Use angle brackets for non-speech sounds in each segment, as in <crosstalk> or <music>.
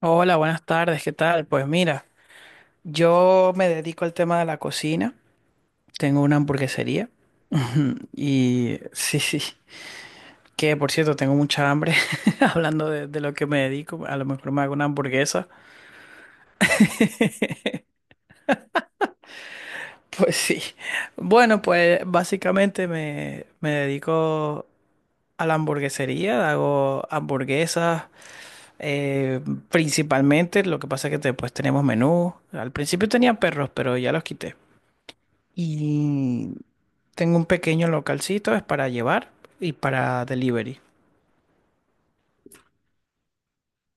Hola, buenas tardes, ¿qué tal? Pues mira, yo me dedico al tema de la cocina, tengo una hamburguesería <laughs> y sí, sí, que por cierto tengo mucha hambre. <laughs> Hablando de lo que me dedico, a lo mejor me hago una hamburguesa, <laughs> pues sí. Bueno, pues básicamente me dedico a la hamburguesería, hago hamburguesas eh, principalmente. Lo que pasa es que después tenemos menú, al principio tenía perros, pero ya los quité. Y tengo un pequeño localcito, es para llevar y para delivery.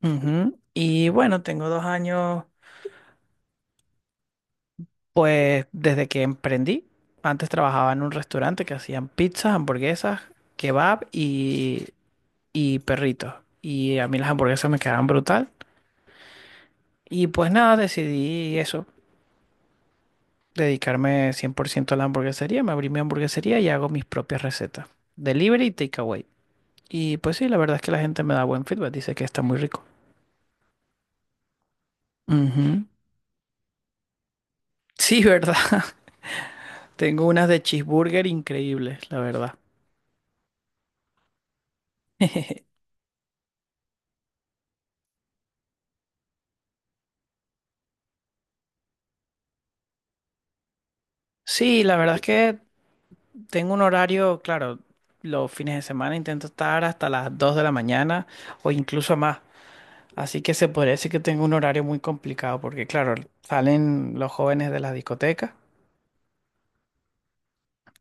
Ujú. Y bueno, tengo 2 años, pues desde que emprendí. Antes trabajaba en un restaurante que hacían pizzas, hamburguesas, kebab y perritos. Y a mí las hamburguesas me quedaban brutal. Y pues nada, decidí eso, dedicarme 100% a la hamburguesería. Me abrí mi hamburguesería y hago mis propias recetas. Delivery y takeaway. Y pues sí, la verdad es que la gente me da buen feedback, dice que está muy rico. Ujú. Sí, ¿verdad? <laughs> Tengo unas de cheeseburger increíbles, la verdad. <laughs> Sí, la verdad es que tengo un horario, claro, los fines de semana intento estar hasta las 2 de la mañana o incluso más. Así que se podría decir que tengo un horario muy complicado porque, claro, salen los jóvenes de las discotecas.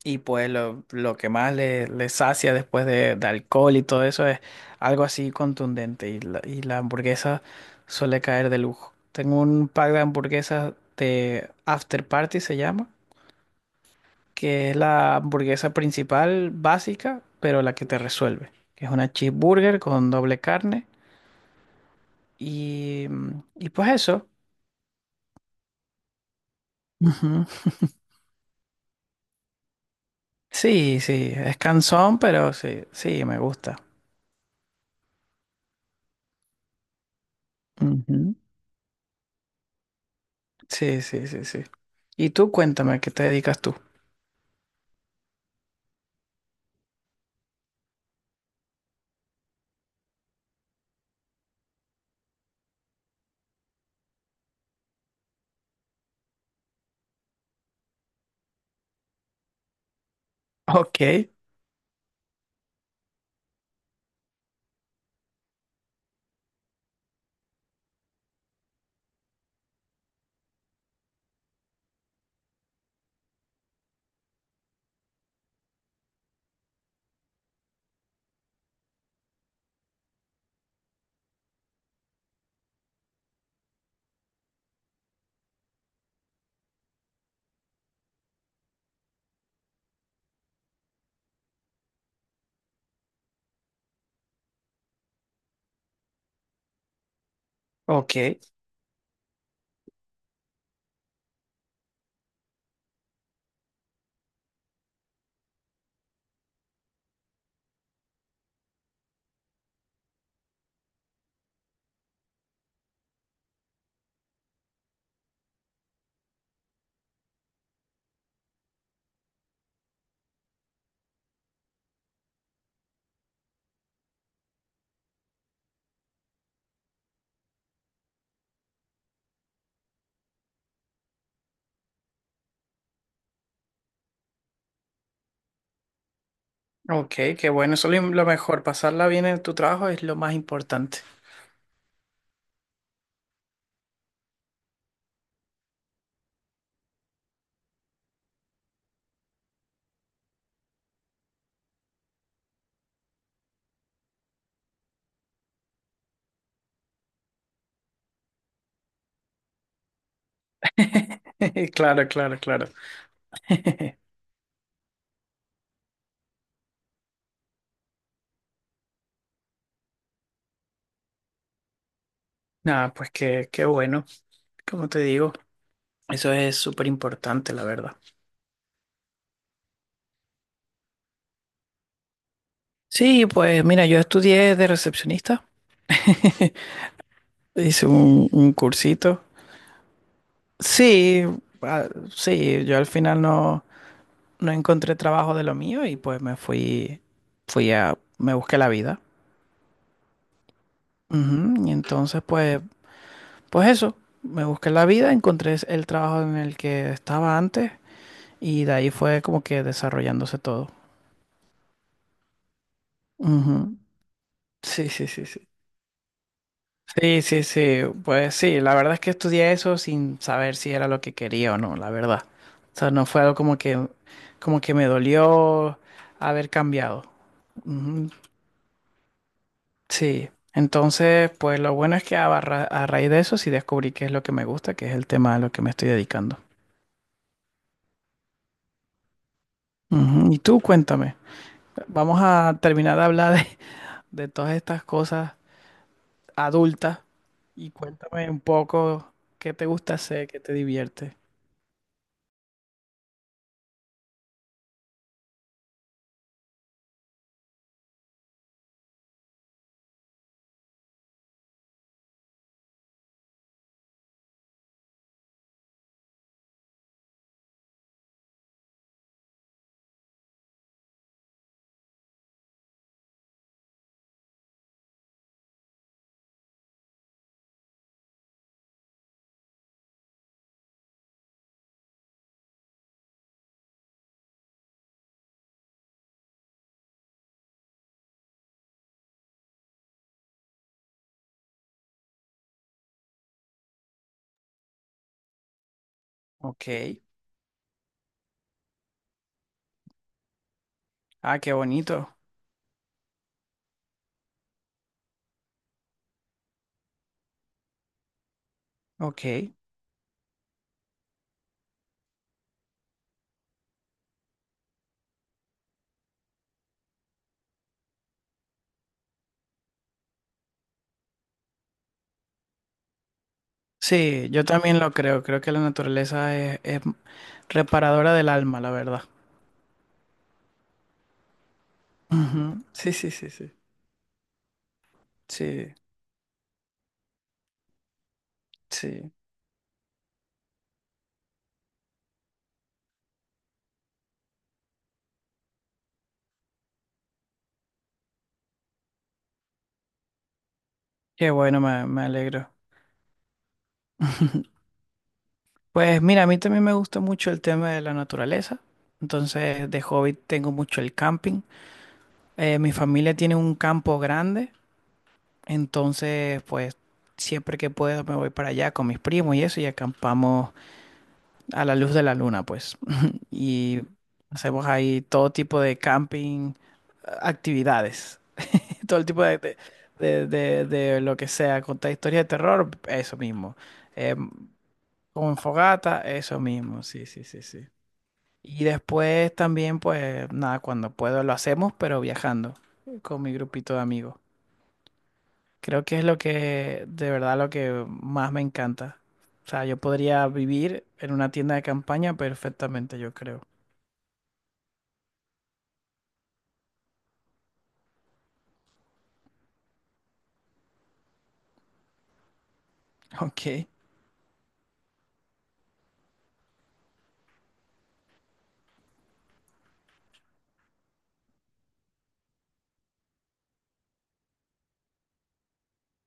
Y pues lo que más le sacia después de alcohol y todo eso es algo así contundente. Y la hamburguesa suele caer de lujo. Tengo un pack de hamburguesas de After Party, se llama, que es la hamburguesa principal básica, pero la que te resuelve. Que es una cheeseburger con doble carne. Y, y pues eso. Ujú. Sí, sí, es cansón, pero sí, sí, me gusta. Ujú. Sí, sí, sí, sí. Y tú cuéntame, ¿a qué te dedicas tú? Ok, ok, ok, qué bueno. Eso es lo mejor. Pasarla bien en tu trabajo es lo más importante. <laughs> Claro, claro, claro. <laughs> Nada, pues qué, qué bueno. Como te digo, eso es súper importante, la verdad. Sí, pues mira, yo estudié de recepcionista. <laughs> Hice un cursito. Sí, ah, sí, yo al final no. No encontré trabajo de lo mío y pues me fui, me busqué la vida. Ujú. Y entonces pues, pues eso, me busqué la vida, encontré el trabajo en el que estaba antes y de ahí fue como que desarrollándose todo. Ujú. Sí, sí, sí, sí. Sí, sí, sí. Pues sí, la verdad es que estudié eso sin saber si era lo que quería o no, la verdad. O sea, no fue algo como que me dolió haber cambiado. Ujú. Sí, entonces, pues lo bueno es que a raíz de eso sí descubrí qué es lo que me gusta, que es el tema a lo que me estoy dedicando. Ujú. Y tú, cuéntame. Vamos a terminar de hablar de todas estas cosas adultas y cuéntame un poco qué te gusta hacer, qué te divierte. Ok. Ah, qué bonito. Ok. Sí, yo también lo creo. Creo que la naturaleza es reparadora del alma, la verdad. Ujú. Sí, sí, sí, sí. Sí, sí. Qué bueno, me alegro. <laughs> Pues mira, a mí también me gusta mucho el tema de la naturaleza. Entonces, de hobby tengo mucho el camping. Mi familia tiene un campo grande, entonces, pues siempre que puedo me voy para allá con mis primos y eso y acampamos a la luz de la luna, pues. <laughs> Y hacemos ahí todo tipo de camping, actividades, <laughs> todo el tipo de lo que sea, contar historias de terror, eso mismo. Eh, con fogata, eso mismo, sí, sí, sí, sí. Y después también, pues nada, cuando puedo lo hacemos, pero viajando con mi grupito de amigos. Creo que es lo que, de verdad, lo que más me encanta. O sea, yo podría vivir en una tienda de campaña perfectamente, yo creo. <laughs> Ok.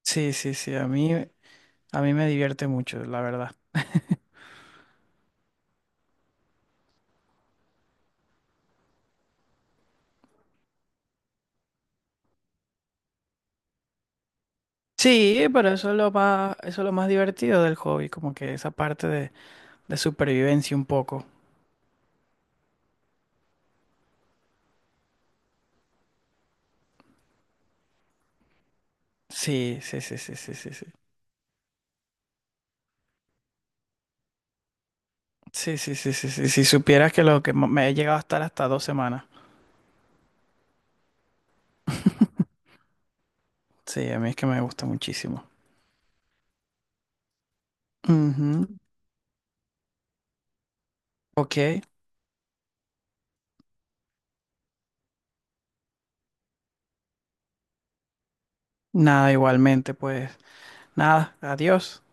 Sí, sí, sí, a mí me divierte mucho, la verdad. Sí, pero eso es lo más, eso es lo más divertido del hobby, como que esa parte de supervivencia un poco. Sí, sí, sí, sí, sí, sí, sí. Sí, sí, sí, sí, sí. Si supieras que lo que me he llegado a estar hasta 2 semanas. Sí, a mí es que me gusta muchísimo. Ujú. Ok. Nada, igualmente, pues. Nada, adiós.